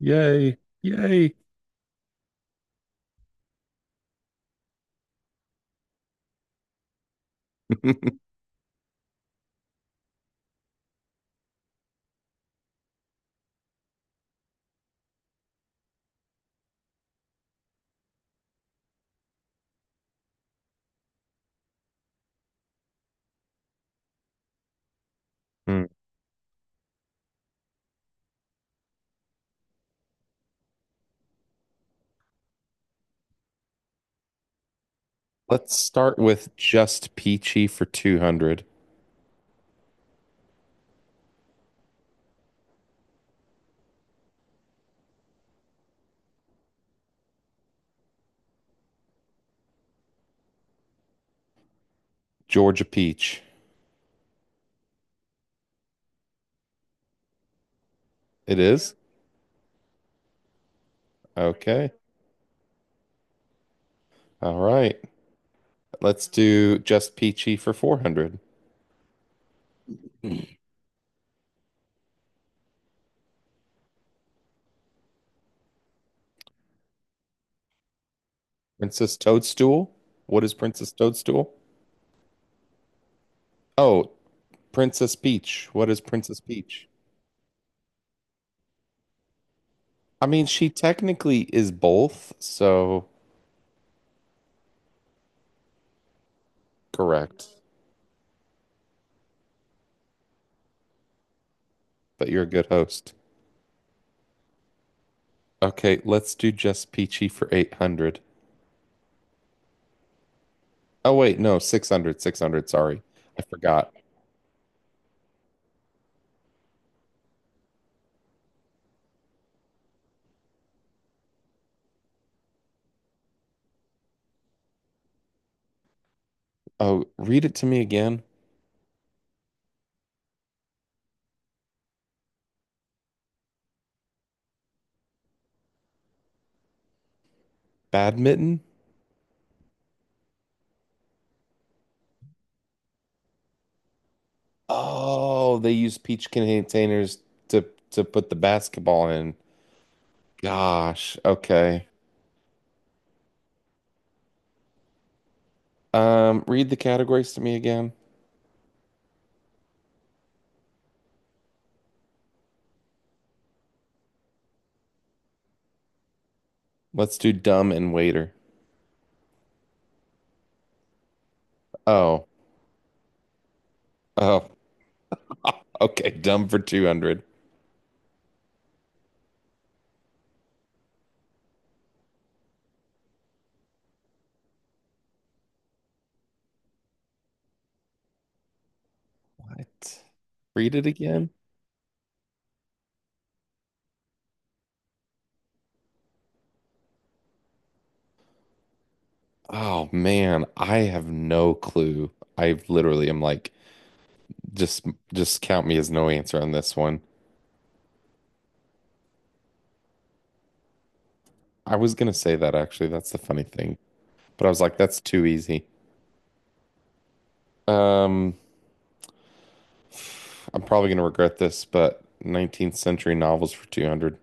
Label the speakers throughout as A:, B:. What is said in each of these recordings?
A: Yay. Yay. Hmm. Let's start with just peachy for 200. Georgia peach. It is? Okay. All right. Let's do just peachy for 400. Princess Toadstool. What is Princess Toadstool? Oh, Princess Peach. What is Princess Peach? I mean, she technically is both, so correct. But you're a good host. Okay, let's do just peachy for 800. Oh, wait, no, 600, 600, sorry. I forgot. Oh, read it to me again. Badminton? Oh, they use peach containers to to put the basketball in. Gosh. Okay. Read the categories to me again. Let's do dumb and waiter. Oh. Oh. Okay, dumb for 200. What? Read it again? Oh man, I have no clue. I literally am like just just count me as no answer on this one. I was gonna say that actually. That's the funny thing. But I was like that's too easy. Um, I'm probably going to regret this, but 19th century novels for 200.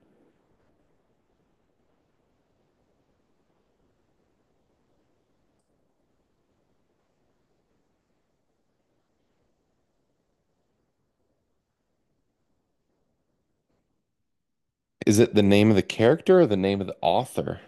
A: Is it the name of the character or the name of the author?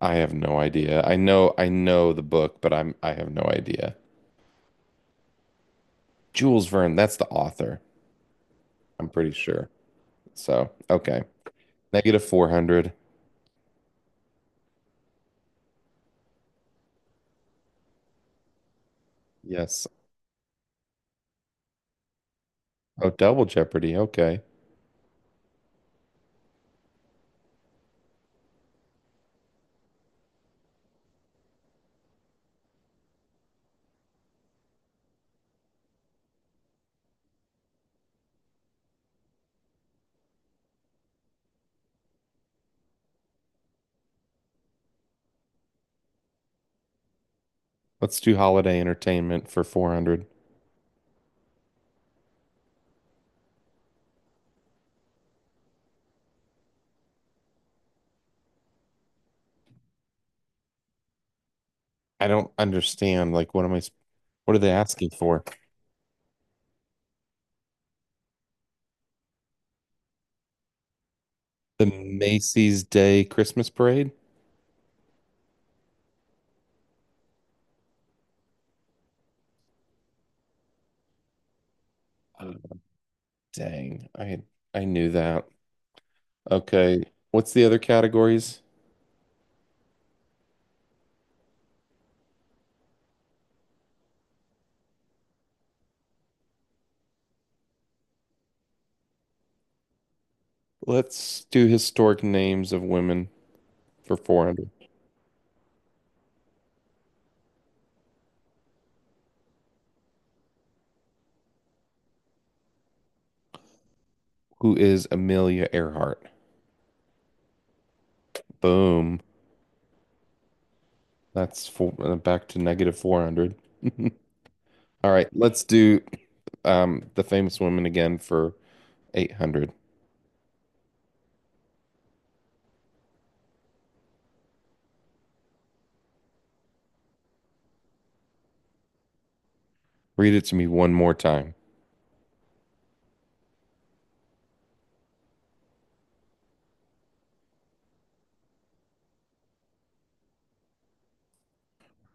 A: I have no idea. I know the book, but I have no idea. Jules Verne, that's the author. I'm pretty sure. So, okay. Negative 400. Yes. Oh, double Jeopardy. Okay. Let's do holiday entertainment for 400. I don't understand. Like, what are they asking for? The Macy's Day Christmas Parade? Dang, I knew that. Okay, what's the other categories? Let's do historic names of women for 400. Who is Amelia Earhart? Boom. That's four, back to negative 400. All right, let's do the famous woman again for 800. Read it to me one more time.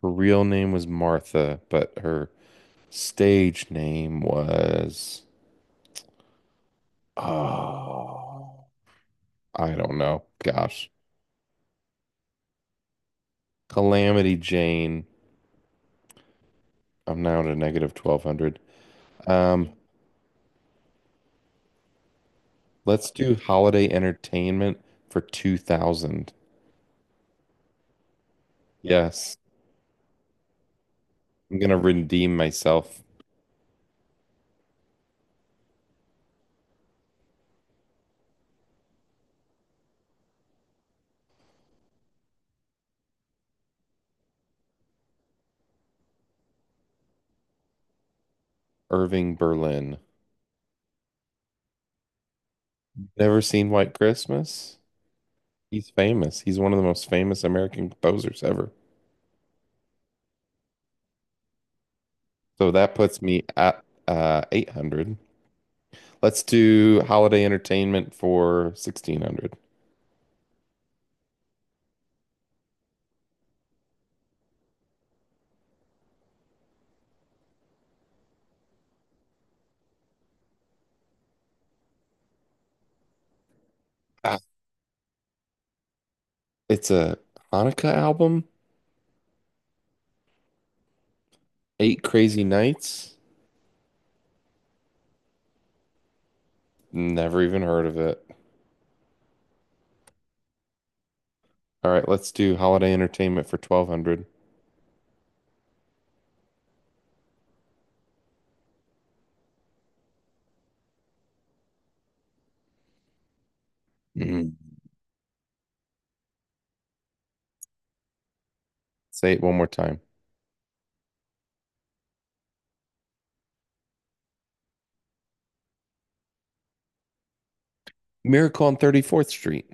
A: Her real name was Martha, but her stage name was, oh, I don't know. Gosh. Calamity Jane. I'm now at a negative 1200. Um, let's do holiday entertainment for 2000. Yes, I'm gonna redeem myself. Irving Berlin. Never seen White Christmas? He's famous. He's one of the most famous American composers ever. So that puts me at 800. Let's do holiday entertainment for 1600. Ah, it's a Hanukkah album, Eight Crazy Nights. Never even heard of it. All right, let's do Holiday Entertainment for 1200. Mhm. Say it one more time. Miracle on 34th Street.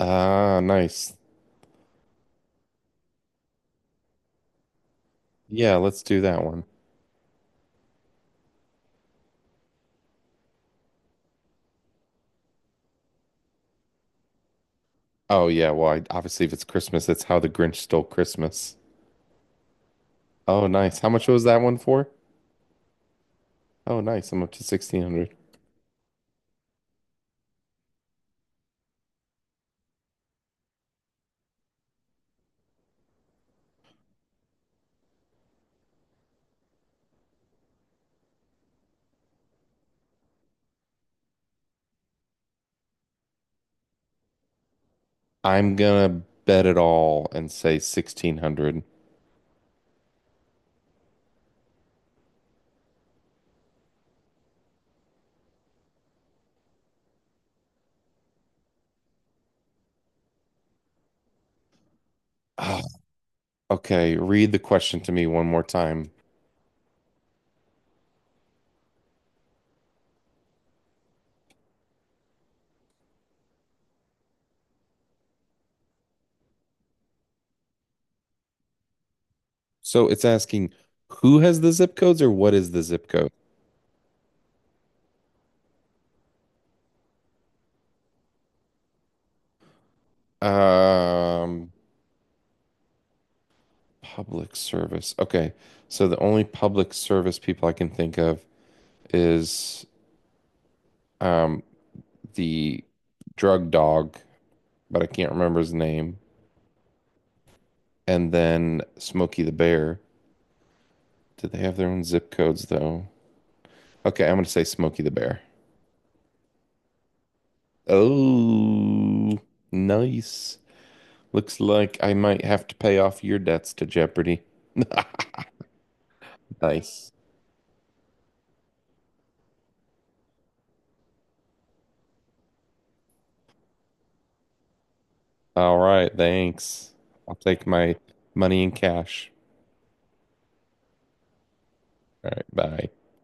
A: Ah, nice. Yeah, let's do that one. Oh, yeah. Well, I, obviously, if it's Christmas, it's How the Grinch Stole Christmas. Oh, nice. How much was that one for? Oh, nice. I'm up to 1600. I'm gonna bet it all and say 1600. Ah, okay, read the question to me one more time. So it's asking who has the zip codes or what is the zip code? Um, Public service. Okay. So the only public service people I can think of is um the drug dog, but I can't remember his name, and then Smokey the Bear. Do they have their own zip codes though? Okay, I'm gonna say Smokey the Bear. Oh, nice. Looks like I might have to pay off your debts to Jeopardy. Nice. All right, thanks. I'll take my money in cash. All right, bye.